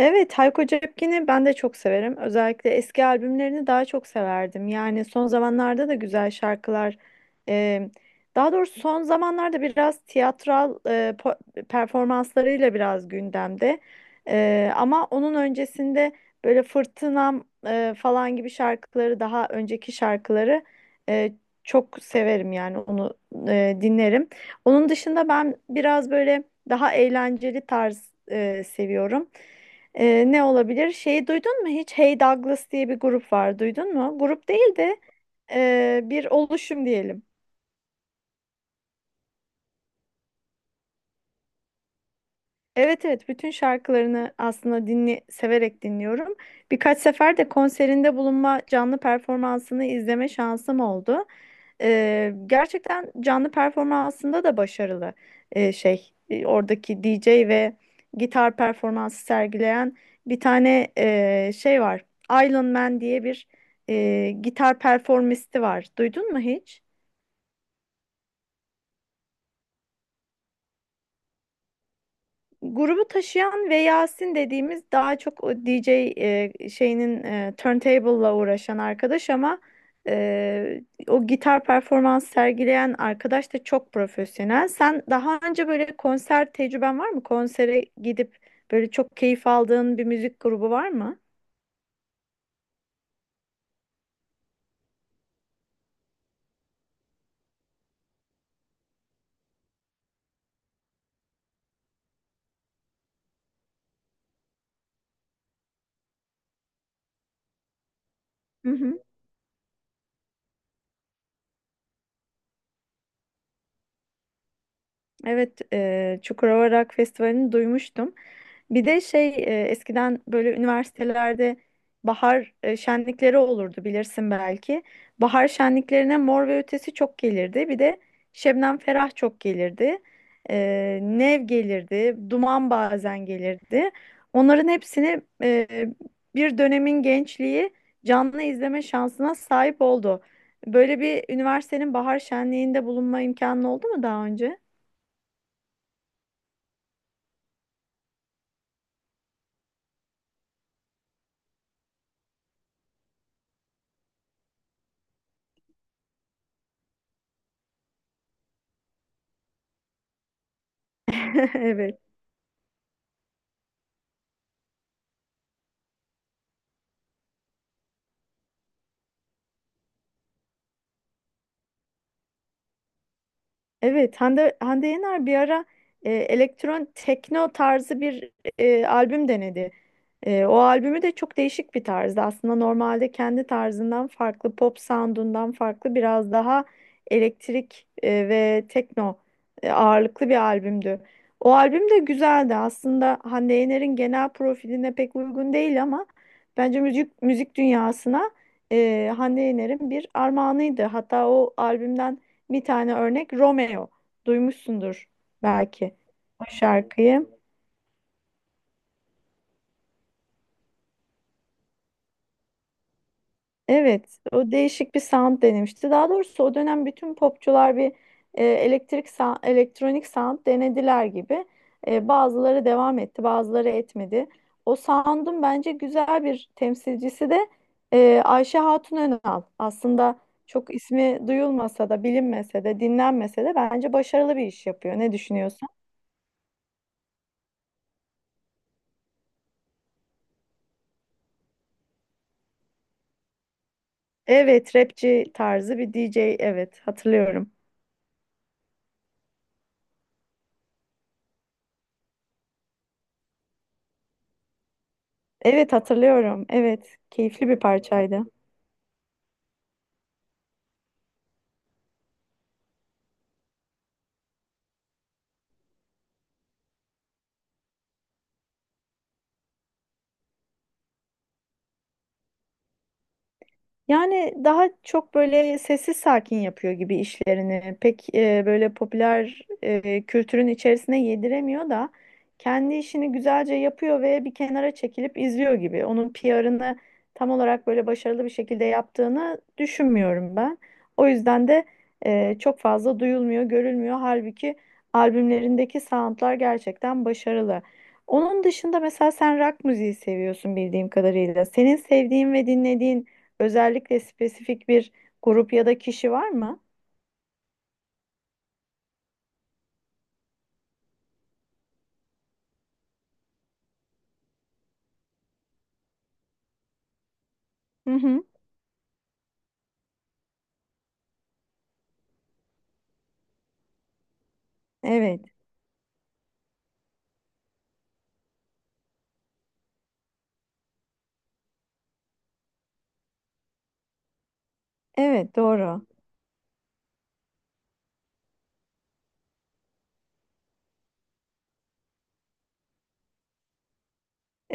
Evet, Hayko Cepkin'i ben de çok severim. Özellikle eski albümlerini daha çok severdim. Yani son zamanlarda da güzel şarkılar. e, Daha doğrusu son zamanlarda biraz tiyatral performanslarıyla biraz gündemde. Ama onun öncesinde böyle Fırtınam falan gibi şarkıları, daha önceki şarkıları e, çok severim yani onu dinlerim. Onun dışında ben biraz böyle daha eğlenceli tarz seviyorum. Ne olabilir? Şeyi duydun mu hiç? Hey Douglas diye bir grup var. Duydun mu? Grup değil de bir oluşum diyelim. Evet evet bütün şarkılarını aslında severek dinliyorum. Birkaç sefer de konserinde bulunma, canlı performansını izleme şansım oldu. Gerçekten canlı performansında da başarılı oradaki DJ ve gitar performansı sergileyen bir tane şey var. Island Man diye bir gitar performisti var. Duydun mu hiç? Grubu taşıyan ve Yasin dediğimiz daha çok o DJ şeyinin turntable'la uğraşan arkadaş ama e, o gitar performans sergileyen arkadaş da çok profesyonel. Sen daha önce böyle konser tecrüben var mı? Konsere gidip böyle çok keyif aldığın bir müzik grubu var mı? Hı hı. Evet, Çukurova Rock Festivali'ni duymuştum. Bir de eskiden böyle üniversitelerde bahar şenlikleri olurdu bilirsin belki. Bahar şenliklerine Mor ve Ötesi çok gelirdi. Bir de Şebnem Ferah çok gelirdi. E, Nev gelirdi. Duman bazen gelirdi. Onların hepsini bir dönemin gençliği canlı izleme şansına sahip oldu. Böyle bir üniversitenin bahar şenliğinde bulunma imkanı oldu mu daha önce? Evet. Evet, Hande Yener bir ara elektron tekno tarzı bir albüm denedi. O albümü de çok değişik bir tarzdı. Aslında normalde kendi tarzından farklı, pop sound'undan farklı biraz daha elektrik ve tekno ağırlıklı bir albümdü. O albüm de güzeldi. Aslında Hande Yener'in genel profiline pek uygun değil ama bence müzik dünyasına Hande Yener'in bir armağanıydı. Hatta o albümden bir tane örnek Romeo. Duymuşsundur belki o şarkıyı. Evet, o değişik bir sound denemişti. Daha doğrusu o dönem bütün popçular bir elektronik sound denediler gibi. Bazıları devam etti, bazıları etmedi. O sound'un bence güzel bir temsilcisi de Ayşe Hatun Önal. Aslında çok ismi duyulmasa da, bilinmese de, dinlenmese de bence başarılı bir iş yapıyor. Ne düşünüyorsun? Evet, rapçi tarzı bir DJ. Evet, hatırlıyorum. Evet, hatırlıyorum. Evet, keyifli bir parçaydı. Yani daha çok böyle sessiz sakin yapıyor gibi işlerini. Pek böyle popüler kültürün içerisine yediremiyor da kendi işini güzelce yapıyor ve bir kenara çekilip izliyor gibi. Onun PR'ını tam olarak böyle başarılı bir şekilde yaptığını düşünmüyorum ben. O yüzden de çok fazla duyulmuyor, görülmüyor. Halbuki albümlerindeki soundlar gerçekten başarılı. Onun dışında mesela sen rock müziği seviyorsun bildiğim kadarıyla. Senin sevdiğin ve dinlediğin özellikle spesifik bir grup ya da kişi var mı? Hı hı. Evet. Evet, doğru.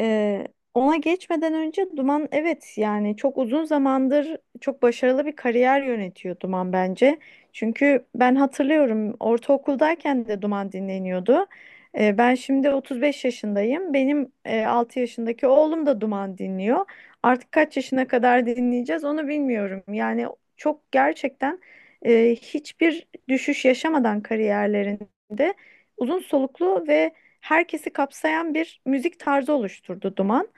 Ee, ona geçmeden önce Duman, evet, yani çok uzun zamandır çok başarılı bir kariyer yönetiyor Duman bence. Çünkü ben hatırlıyorum, ortaokuldayken de Duman dinleniyordu. Ben şimdi 35 yaşındayım. Benim 6 yaşındaki oğlum da Duman dinliyor. Artık kaç yaşına kadar dinleyeceğiz onu bilmiyorum. Yani çok gerçekten hiçbir düşüş yaşamadan kariyerlerinde uzun soluklu ve herkesi kapsayan bir müzik tarzı oluşturdu Duman.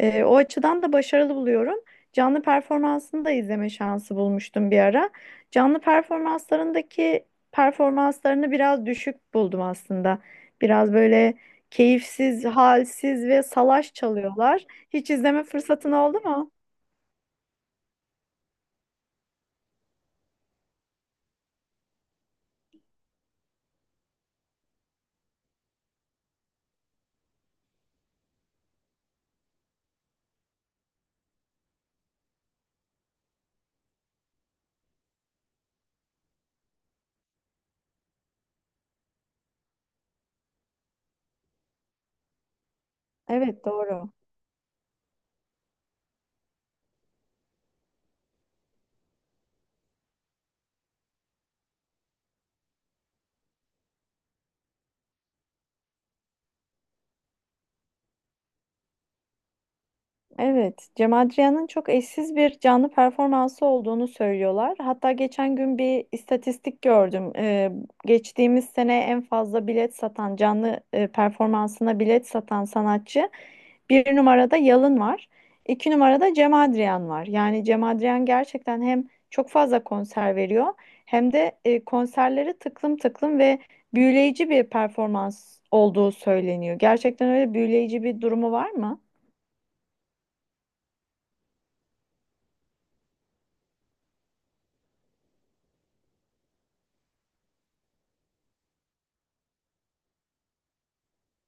O açıdan da başarılı buluyorum. Canlı performansını da izleme şansı bulmuştum bir ara. Canlı performanslarındaki performanslarını biraz düşük buldum aslında. Biraz böyle keyifsiz, halsiz ve salaş çalıyorlar. Hiç izleme fırsatın oldu mu? Evet, doğru. Evet, Cem Adrian'ın çok eşsiz bir canlı performansı olduğunu söylüyorlar. Hatta geçen gün bir istatistik gördüm. Geçtiğimiz sene en fazla bilet satan, canlı performansına bilet satan sanatçı bir numarada Yalın var. 2 numarada Cem Adrian var. Yani Cem Adrian gerçekten hem çok fazla konser veriyor hem de konserleri tıklım tıklım ve büyüleyici bir performans olduğu söyleniyor. Gerçekten öyle büyüleyici bir durumu var mı?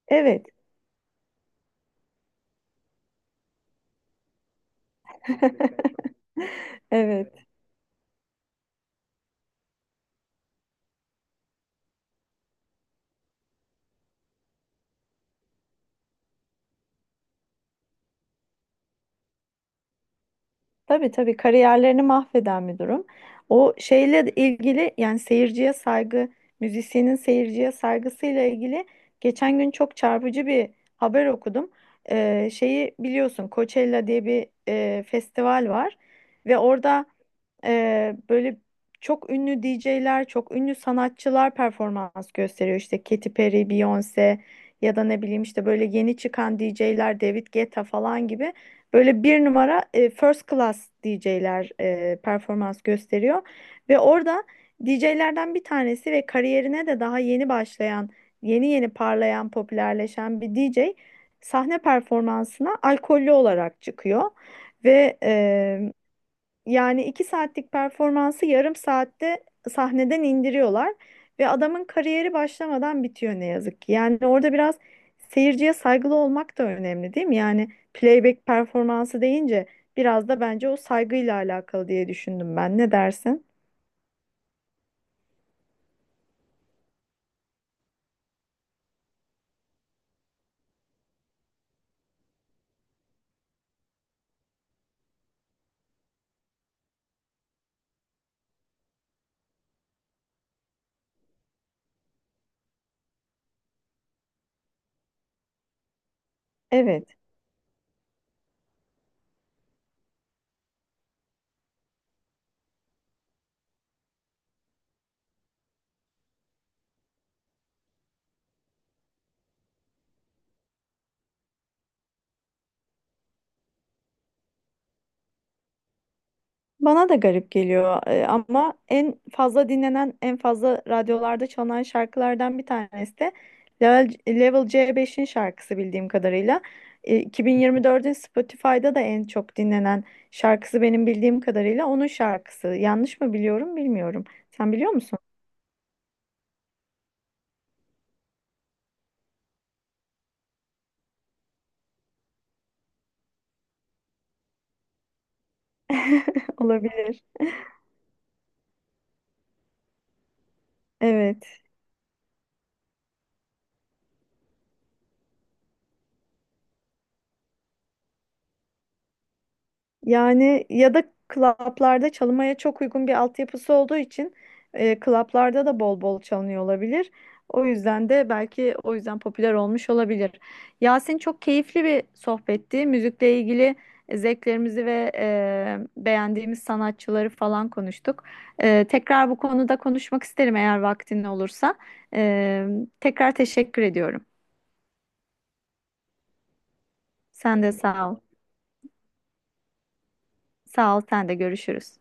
Evet. Evet. Tabii, tabii, kariyerlerini mahveden bir durum. O şeyle de ilgili, yani seyirciye saygı, müzisyenin seyirciye saygısıyla ilgili geçen gün çok çarpıcı bir haber okudum. Şeyi biliyorsun, Coachella diye bir festival var ve orada böyle çok ünlü DJ'ler, çok ünlü sanatçılar performans gösteriyor. İşte Katy Perry, Beyoncé ya da ne bileyim işte böyle yeni çıkan DJ'ler, David Guetta falan gibi böyle bir numara first class DJ'ler performans gösteriyor. Ve orada DJ'lerden bir tanesi ve kariyerine de daha yeni başlayan, yeni yeni parlayan, popülerleşen bir DJ sahne performansına alkollü olarak çıkıyor. Ve yani 2 saatlik performansı yarım saatte sahneden indiriyorlar ve adamın kariyeri başlamadan bitiyor ne yazık ki. Yani orada biraz seyirciye saygılı olmak da önemli değil mi? Yani playback performansı deyince biraz da bence o saygıyla alakalı diye düşündüm ben. Ne dersin? Evet. Bana da garip geliyor ama en fazla dinlenen, en fazla radyolarda çalınan şarkılardan bir tanesi de Level C5'in şarkısı bildiğim kadarıyla. 2024'ün Spotify'da da en çok dinlenen şarkısı benim bildiğim kadarıyla onun şarkısı. Yanlış mı biliyorum bilmiyorum. Sen biliyor musun? Olabilir. Evet. Yani ya da klaplarda çalmaya çok uygun bir altyapısı olduğu için klaplarda da bol bol çalınıyor olabilir. O yüzden de belki o yüzden popüler olmuş olabilir. Yasin, çok keyifli bir sohbetti. Müzikle ilgili zevklerimizi ve beğendiğimiz sanatçıları falan konuştuk. Tekrar bu konuda konuşmak isterim eğer vaktin olursa. E, tekrar teşekkür ediyorum. Sen de sağ ol. Sağ ol, sen de görüşürüz.